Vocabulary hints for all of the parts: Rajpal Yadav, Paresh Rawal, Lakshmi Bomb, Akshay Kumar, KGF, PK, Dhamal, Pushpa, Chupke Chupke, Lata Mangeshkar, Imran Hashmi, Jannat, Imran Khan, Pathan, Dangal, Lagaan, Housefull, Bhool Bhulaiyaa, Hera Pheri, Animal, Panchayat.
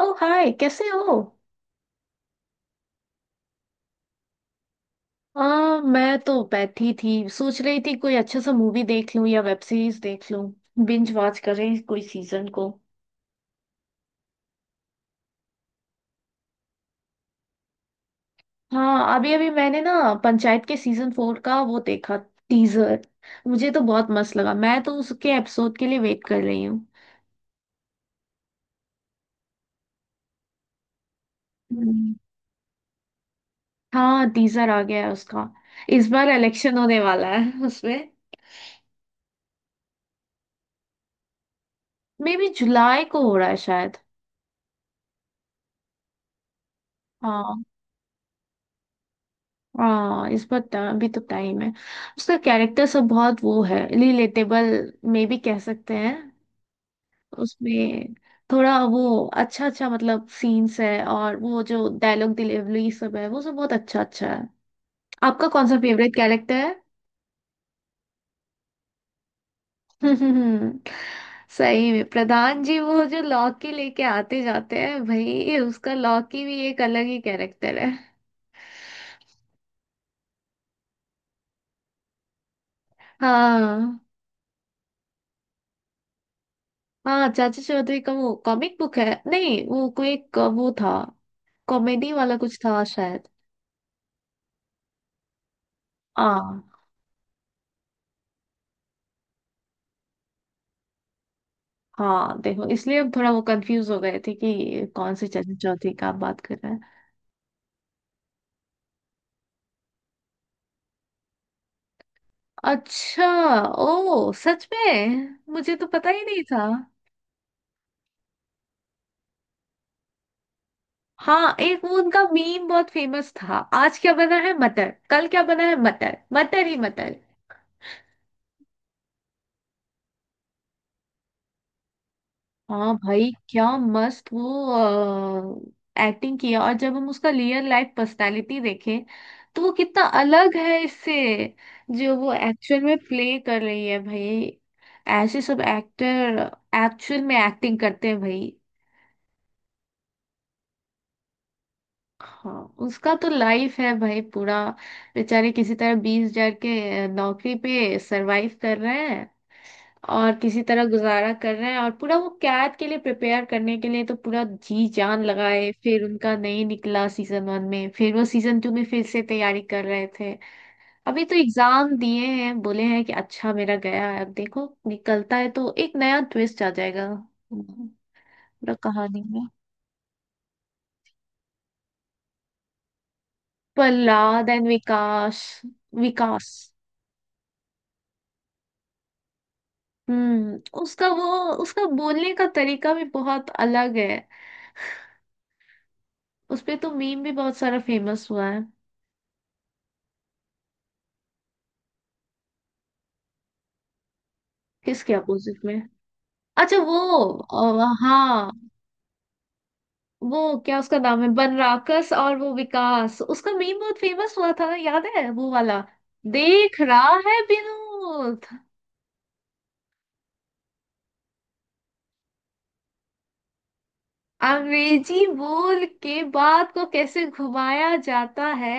ओ hi कैसे हो। आ, मैं तो बैठी थी सोच रही थी कोई अच्छे सा मूवी देख लूं या वेब सीरीज देख लूं, बिंज वॉच करें कोई सीजन को। हाँ अभी अभी मैंने ना पंचायत के सीजन फोर का वो देखा, टीजर। मुझे तो बहुत मस्त लगा, मैं तो उसके एपिसोड के लिए वेट कर रही हूँ। हम्म, हाँ टीजर आ गया है उसका। इस बार इलेक्शन होने वाला है उसमें। मे बी जुलाई को हो रहा है शायद। हाँ। हाँ, अभी तो टाइम है। उसका कैरेक्टर सब बहुत वो है, रिलेटेबल में भी कह सकते हैं उसमें। थोड़ा वो अच्छा अच्छा मतलब सीन्स है, और वो जो डायलॉग डिलीवरी सब है वो सब बहुत अच्छा अच्छा है। आपका कौन सा फेवरेट कैरेक्टर है? सही में प्रधान जी वो जो लौकी लेके आते जाते हैं भाई, उसका लौकी भी एक अलग ही कैरेक्टर है। हाँ। हाँ चाची चौधरी का वो कॉमिक बुक है। नहीं वो कोई एक वो था, कॉमेडी वाला कुछ था शायद। हाँ। हाँ देखो, इसलिए हम थोड़ा वो कंफ्यूज हो गए थे कि कौन से चाची चौधरी का आप बात कर रहे हैं। अच्छा। ओ सच में, मुझे तो पता ही नहीं था। हाँ एक वो उनका मीम बहुत फेमस था। आज क्या बना है मटर, कल क्या बना है मटर, मटर ही मटर। हाँ भाई, क्या मस्त वो एक्टिंग किया, और जब हम उसका रियल लाइफ पर्सनालिटी देखें तो वो कितना अलग है इससे, जो वो एक्चुअल में प्ले कर रही है भाई। ऐसे सब एक्टर एक्चुअल में एक्टिंग करते हैं भाई। हाँ उसका तो लाइफ है भाई पूरा। बेचारे किसी तरह 20,000 के नौकरी पे सरवाइव कर रहे हैं और किसी तरह गुजारा कर रहे हैं, और पूरा वो कैद के लिए प्रिपेयर करने के लिए तो पूरा जी जान लगाए, फिर उनका नहीं निकला सीजन वन में, फिर वो सीजन टू में फिर से तैयारी कर रहे थे। अभी तो एग्जाम दिए हैं, बोले हैं कि अच्छा मेरा गया है, अब देखो निकलता है तो एक नया ट्विस्ट आ जाएगा पूरा कहानी में। प्रहलाद एंड विकास। विकास। हम्म उसका वो उसका बोलने का तरीका भी बहुत अलग है। उसपे तो मीम भी बहुत सारा फेमस हुआ है। किसके अपोजिट में? अच्छा वो, हाँ। वो क्या उसका नाम है, बनराकस, और वो विकास, उसका मीम बहुत फेमस हुआ था, याद है वो वाला? देख रहा है विनोद। अंग्रेजी बोल के बात को कैसे घुमाया जाता है।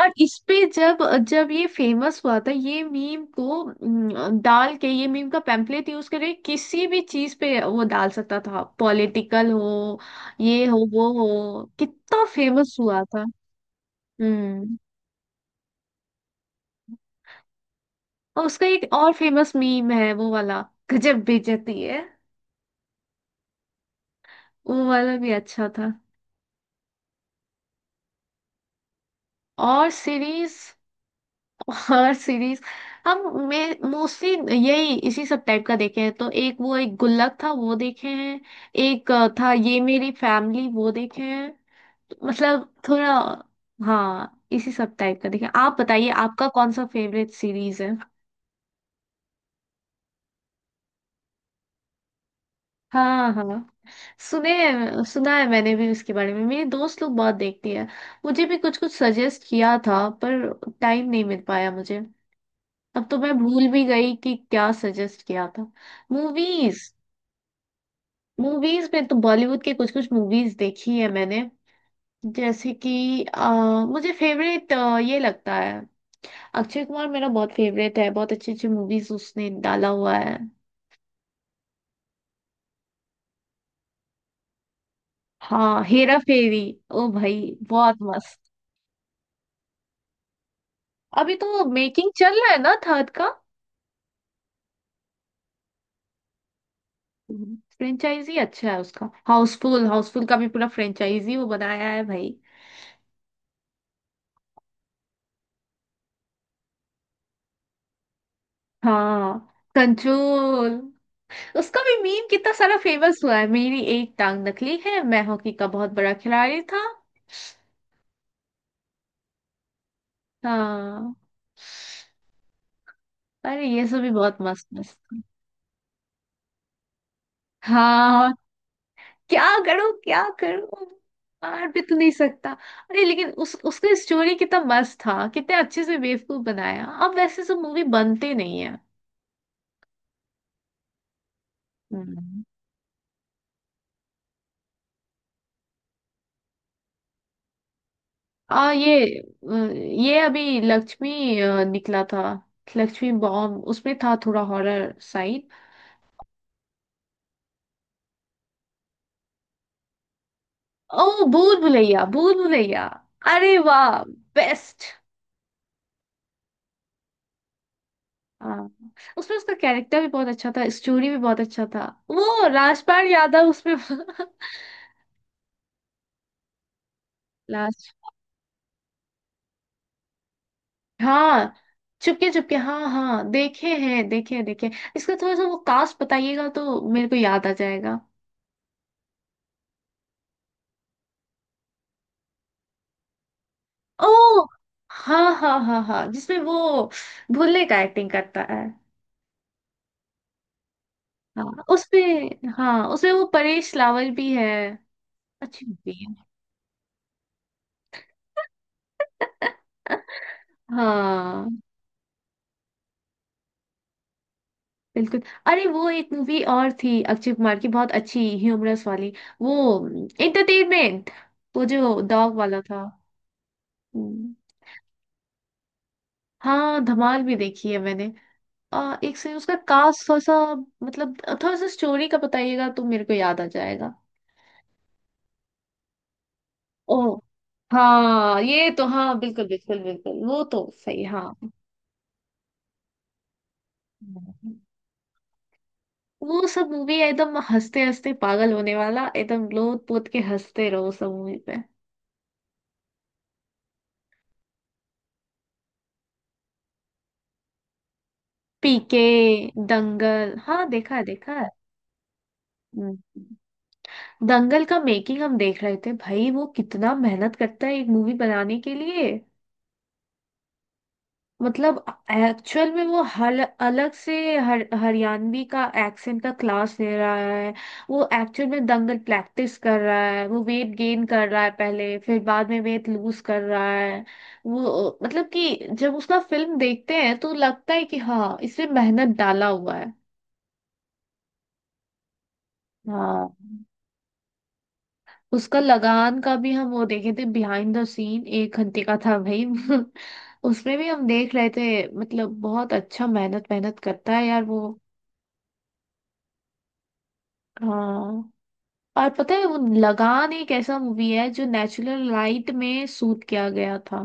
और इस पे जब जब ये फेमस हुआ था ये मीम को, डाल के ये मीम का पैम्फलेट यूज करके किसी भी चीज पे वो डाल सकता था, पॉलिटिकल हो, ये हो, वो हो, कितना फेमस हुआ था। हम्म और उसका एक और फेमस मीम है वो वाला। गजब बेइज्जती है, वो वाला भी अच्छा था। और सीरीज, हॉरर सीरीज। हम, मैं मोस्टली यही इसी सब टाइप का देखे हैं, तो एक वो एक गुल्लक था वो देखे हैं। एक था ये मेरी फैमिली, वो देखे हैं। तो मतलब थोड़ा, हाँ इसी सब टाइप का देखे हैं। आप बताइए आपका कौन सा फेवरेट सीरीज है? हाँ। हाँ सुना है मैंने भी उसके बारे में, मेरी दोस्त लोग बहुत देखती है। मुझे भी कुछ कुछ सजेस्ट किया था, पर टाइम नहीं मिल पाया मुझे। अब तो मैं भूल भी गई कि क्या सजेस्ट किया था। मूवीज। मूवीज में तो बॉलीवुड के कुछ कुछ मूवीज देखी है मैंने। जैसे कि मुझे फेवरेट ये लगता है, अक्षय कुमार मेरा बहुत फेवरेट है, बहुत अच्छी अच्छी मूवीज उसने डाला हुआ है। हाँ हेरा फेरी। ओ भाई बहुत मस्त। अभी तो मेकिंग चल रहा है ना थर्ड का। फ्रेंचाइजी अच्छा है उसका, हाउसफुल हाउसफुल का भी पूरा फ्रेंचाइजी वो बनाया है भाई। हाँ कंट्रोल, उसका भी मीम कितना सारा फेमस हुआ है, मेरी एक टांग नकली है, मैं हॉकी का बहुत बड़ा खिलाड़ी था। हाँ। अरे ये सब भी बहुत मस्त मस्त था। हाँ क्या करूं क्या करूं, मार भी तो नहीं सकता। अरे लेकिन उस उसका स्टोरी कितना मस्त था, कितने अच्छे से बेवकूफ बनाया, अब वैसे सब मूवी बनते नहीं है। हम्म। आ ये अभी लक्ष्मी निकला था, लक्ष्मी बॉम्ब, उसमें था थोड़ा हॉरर साइड। ओ भूल भुलैया, भूल भुलैया। अरे वाह, बेस्ट। हाँ उसमें उसका कैरेक्टर भी बहुत अच्छा था, स्टोरी भी बहुत अच्छा था। वो राजपाल यादव उसमें। लास्ट। हाँ चुपके चुपके, हाँ हाँ देखे हैं, देखे हैं, देखे हैं। इसका थोड़ा सा वो कास्ट बताइएगा तो मेरे को याद आ जाएगा। ओ हाँ हाँ हाँ हाँ, जिसमें वो भुल्ले का एक्टिंग करता है। हाँ उसमें, हाँ उसमें वो परेश रावल भी है। अच्छी मूवी है। हाँ बिल्कुल। अरे वो एक मूवी और थी अक्षय कुमार की, बहुत अच्छी ह्यूमरस वाली, वो एंटरटेनमेंट, वो जो डॉग वाला था। हम्म, हाँ धमाल भी देखी है मैंने। एक से उसका कास्ट थोड़ा सा मतलब थोड़ा सा स्टोरी का बताइएगा तो मेरे को याद आ जाएगा। ओ हाँ ये तो, हाँ बिल्कुल बिल्कुल बिल्कुल, वो तो सही हाँ। वो सब मूवी एकदम हंसते हंसते पागल होने वाला, एकदम लोट पोत के हंसते रहो सब मूवी पे। पीके, दंगल, हाँ देखा है, देखा है। हम्म। दंगल का मेकिंग हम देख रहे थे भाई, वो कितना मेहनत करता है एक मूवी बनाने के लिए। मतलब एक्चुअल में वो हल अलग से हरियाणवी का एक्सेंट का क्लास ले रहा है, वो एक्चुअल में दंगल प्रैक्टिस कर रहा है, वो वेट गेन कर रहा है पहले, फिर बाद में वेट लूज कर रहा है। वो मतलब कि जब उसका फिल्म देखते हैं तो लगता है कि हाँ, इसमें मेहनत डाला हुआ है। हाँ उसका लगान का भी हम वो देखे थे, बिहाइंड द सीन एक घंटे का था भाई। उसमें भी हम देख रहे थे, मतलब बहुत अच्छा, मेहनत मेहनत करता है यार वो। हाँ और पता है, वो लगान एक ऐसा मूवी है जो नेचुरल लाइट में शूट किया गया था।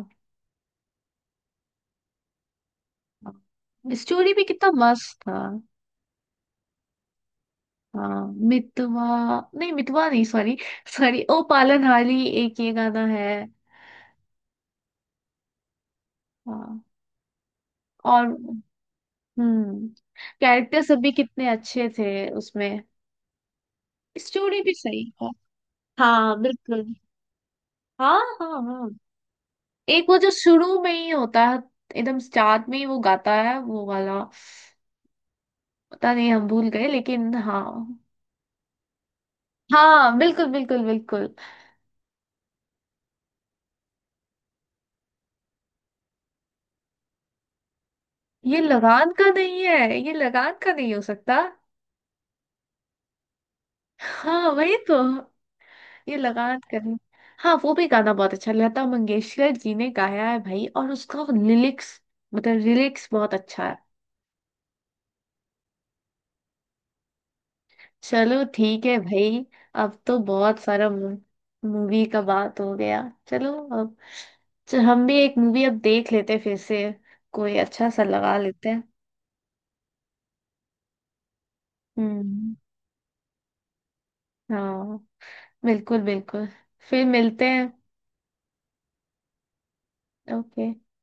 स्टोरी भी कितना मस्त था। हाँ मितवा, नहीं मितवा नहीं, सॉरी सॉरी, ओ पालनहारी, एक ये गाना है। हाँ। और हम्म, कैरेक्टर सब भी कितने अच्छे थे उसमें, स्टोरी भी सही है। हाँ बिल्कुल। हाँ हाँ हाँ, एक वो जो शुरू में ही होता है, एकदम स्टार्ट में ही वो गाता है वो वाला, पता नहीं हम भूल गए लेकिन हाँ। हाँ बिल्कुल बिल्कुल बिल्कुल। ये लगान का नहीं है, ये लगान का नहीं हो सकता। हाँ वही तो, ये लगान का नहीं। हाँ वो भी गाना बहुत अच्छा, लता मंगेशकर जी ने गाया है भाई, और उसका लिरिक्स, मतलब लिरिक्स बहुत अच्छा है। चलो ठीक है भाई, अब तो बहुत सारा मूवी का बात हो गया। चलो, अब चल हम भी एक मूवी अब देख लेते हैं फिर से, कोई अच्छा सा लगा लेते हैं। हम्म। हाँ बिल्कुल बिल्कुल। फिर मिलते हैं। ओके।